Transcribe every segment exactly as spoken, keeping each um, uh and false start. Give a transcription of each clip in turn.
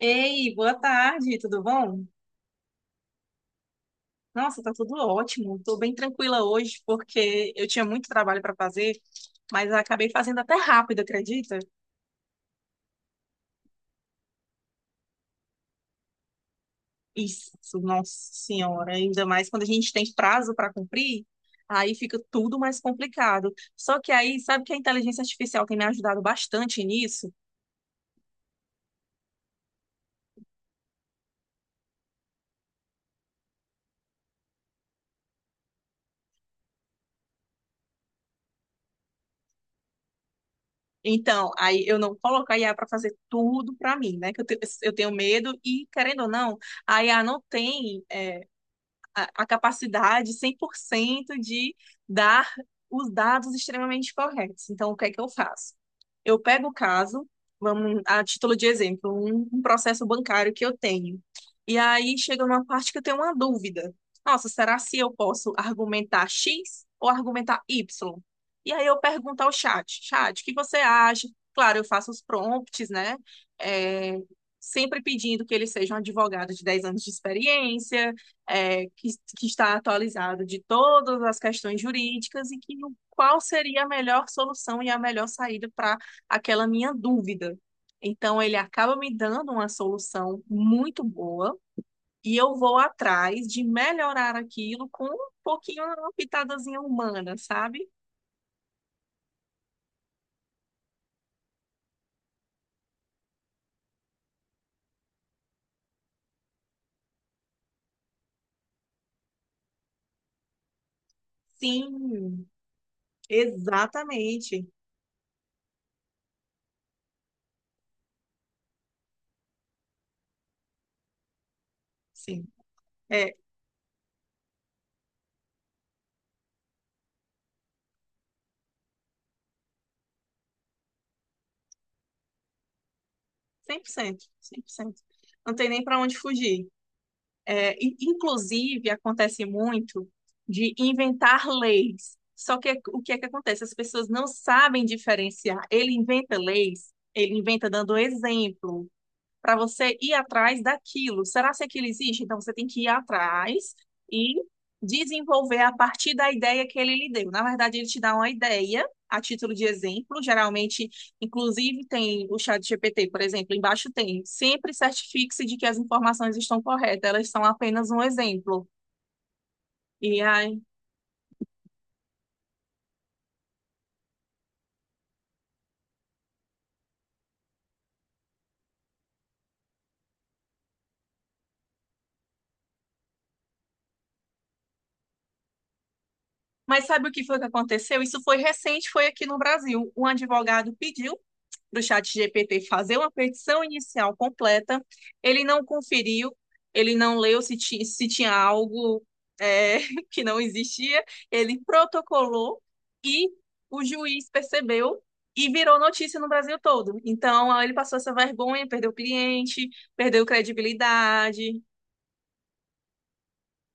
Ei, boa tarde, tudo bom? Nossa, tá tudo ótimo. Tô bem tranquila hoje porque eu tinha muito trabalho para fazer, mas acabei fazendo até rápido, acredita? Isso, nossa senhora, ainda mais quando a gente tem prazo para cumprir, aí fica tudo mais complicado. Só que aí, sabe que a inteligência artificial tem me ajudado bastante nisso? Então, aí eu não coloco a I A para fazer tudo para mim, né? Que eu, te- eu tenho medo e, querendo ou não, a I A não tem. a, a capacidade cem por cento de dar os dados extremamente corretos. Então, o que é que eu faço? Eu pego o caso, vamos, a título de exemplo, um, um processo bancário que eu tenho. E aí chega numa parte que eu tenho uma dúvida. Nossa, será se eu posso argumentar X ou argumentar Y? E aí eu pergunto ao chat, chat, o que você acha? Claro, eu faço os prompts, né? É, sempre pedindo que ele seja um advogado de dez anos de experiência, é, que, que está atualizado de todas as questões jurídicas e que o- qual seria a melhor solução e a melhor saída para aquela minha dúvida. Então, ele acaba me dando uma solução muito boa e eu vou atrás de melhorar aquilo com um pouquinho, uma pitadazinha humana, sabe? Sim, exatamente. Sim, é cem cem por cento, cem por cento. Não tem nem para onde fugir. É, in- inclusive, acontece muito de inventar leis. Só que é, o que é que acontece? As pessoas não sabem diferenciar. Ele inventa leis, ele inventa dando exemplo para você ir atrás daquilo. Será se aquilo existe? Então você tem que ir atrás e desenvolver a partir da ideia que ele lhe deu. Na verdade, ele te dá uma ideia a título de exemplo. Geralmente, inclusive, tem o chat G P T, por exemplo, embaixo tem. Sempre certifique-se de que as informações estão corretas, elas são apenas um exemplo. E aí. Mas sabe o que foi que aconteceu? Isso foi recente, foi aqui no Brasil. Um advogado pediu para o chat G P T fazer uma petição inicial completa, ele não conferiu, ele não leu se, ti- se tinha algo é, que não existia, ele protocolou e o juiz percebeu e virou notícia no Brasil todo. Então, aí ele passou essa vergonha, perdeu cliente, perdeu credibilidade,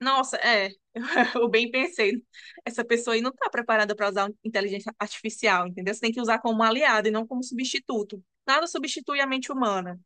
nossa, é. Eu bem pensei. Essa pessoa aí não está preparada para usar inteligência artificial, entendeu? Você tem que usar como aliado e não como substituto. Nada substitui a mente humana.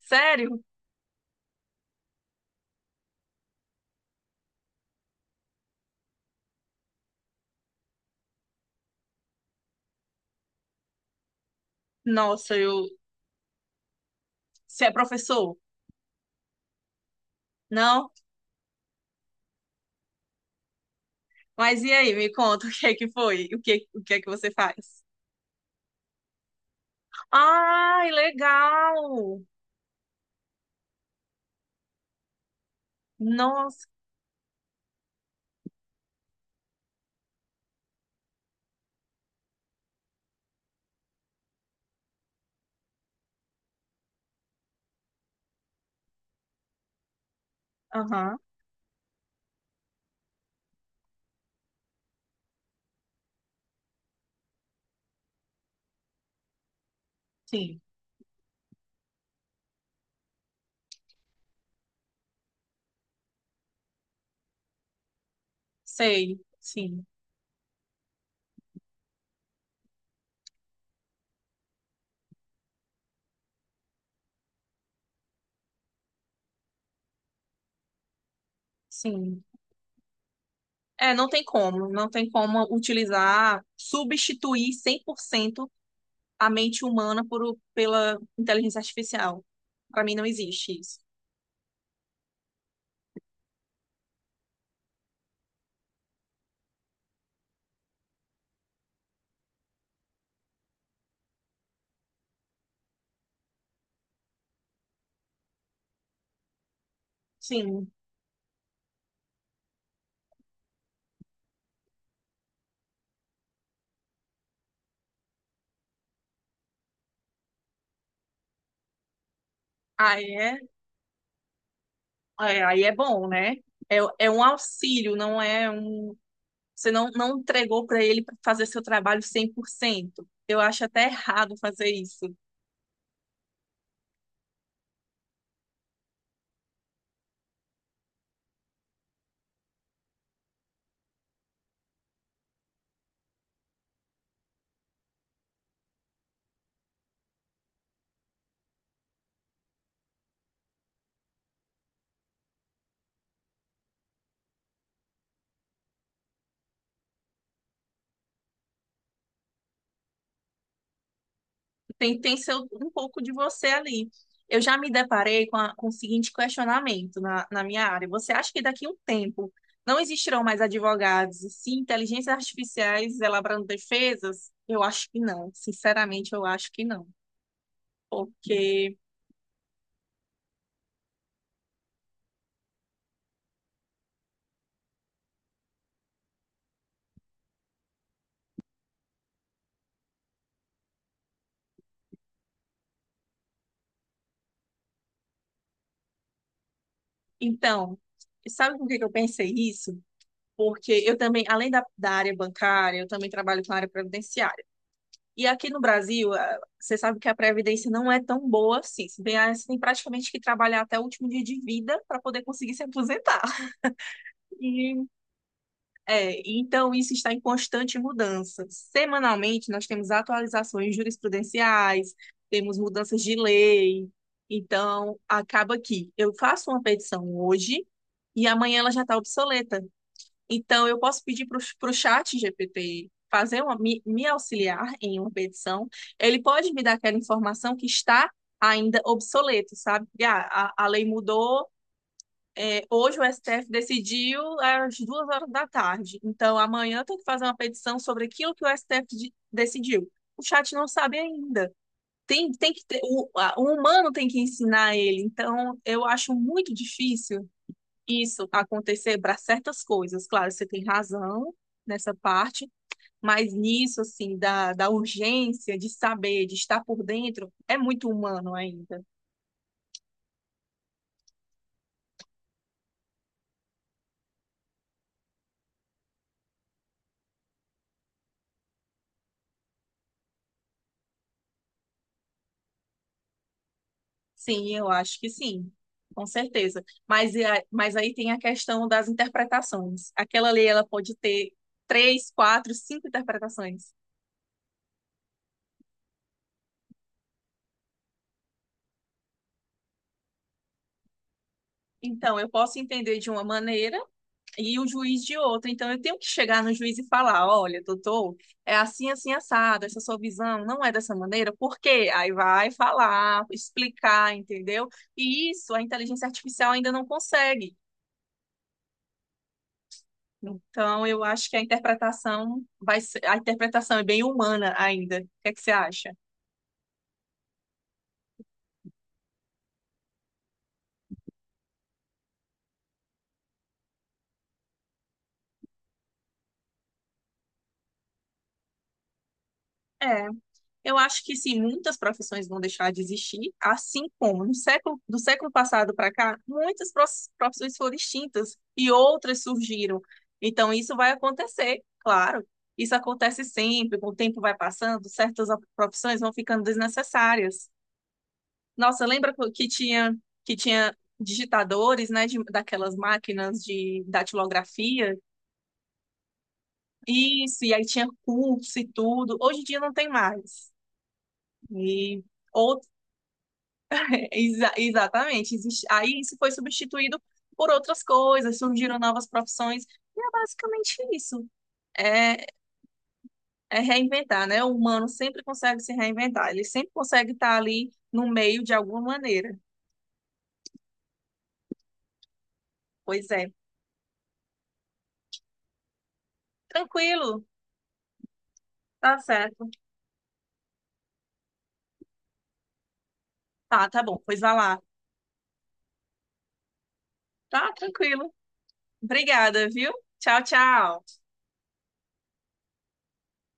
Sério? Nossa, eu. Você é professor? Não? Mas e aí, me conta o que é que foi? O que, o que é que você faz? Ai, legal! Nossa. Aham, sim. Sei, sim, sim. É, não tem como, não tem como utilizar, substituir cem por cento a mente humana por, pela inteligência artificial. Para mim não existe isso. Sim, aí é, é- aí é bom, né? É, é um auxílio, não é um. Você não, não entregou para ele para fazer seu trabalho cem por cento. Eu acho até errado fazer isso. Tem, tem seu, um pouco de você ali. Eu já me deparei com, a- com o seguinte questionamento na, na minha área. Você acha que daqui a um tempo não existirão mais advogados e sim inteligências artificiais elaborando defesas? Eu acho que não. Sinceramente, eu acho que não. Porque, então, sabe por que que eu pensei isso? Porque eu também, além da, da área bancária, eu também trabalho com a área previdenciária. E aqui no Brasil, a- você sabe que a previdência não é tão boa assim. Se bem, ah, você tem praticamente que trabalhar até o último dia de vida para poder conseguir se aposentar. E, é, então, isso está em constante mudança. Semanalmente, nós temos atualizações jurisprudenciais, temos mudanças de lei. Então, acaba que eu faço uma petição hoje e amanhã ela já está obsoleta. Então, eu posso pedir para o chat G P T fazer uma, me, me auxiliar em uma petição. Ele pode me dar aquela informação que está ainda obsoleta, sabe? Porque, ah, a, a lei mudou, é, hoje o S T F decidiu às duas horas da tarde. Então, amanhã eu tenho que fazer uma petição sobre aquilo que o S T F de- decidiu. O chat não sabe ainda. Tem, tem que ter, o, a- o humano tem que ensinar ele. Então, eu acho muito difícil isso acontecer para certas coisas. Claro, você tem razão nessa parte, mas nisso, assim, da, da urgência de saber, de estar por dentro, é muito humano ainda. Sim, eu acho que sim, com certeza. Mas, e a- mas aí tem a questão das interpretações. Aquela lei, ela pode ter três, quatro, cinco interpretações. Então, eu posso entender de uma maneira e o juiz de outra. Então, eu tenho que chegar no juiz e falar: olha, doutor, é assim, assim, assado, essa sua visão não é dessa maneira, por quê? Aí vai falar, explicar, entendeu? E isso a inteligência artificial ainda não consegue. Então, eu acho que a interpretação vai ser, a interpretação é bem humana ainda. O que é que você acha? É, Eu acho que sim, muitas profissões vão deixar de existir, assim como no século, do século passado para cá, muitas prof- profissões foram extintas e outras surgiram. Então, isso vai acontecer, claro. Isso acontece sempre, com o tempo vai passando, certas op- profissões vão ficando desnecessárias. Nossa, lembra co- que tinha, que tinha digitadores, né, de- daquelas máquinas de datilografia? Isso, e aí tinha curso e tudo. Hoje em dia não tem mais. E ou Exa- exatamente. Existe- Aí isso foi substituído por outras coisas, surgiram novas profissões, e é basicamente isso. É, é reinventar, né? O humano sempre consegue se reinventar, ele sempre consegue estar ali no meio de alguma maneira. Pois é. Tranquilo, tá certo. Tá, tá bom, pois vai lá. Tá, tranquilo. Obrigada, viu? Tchau, tchau.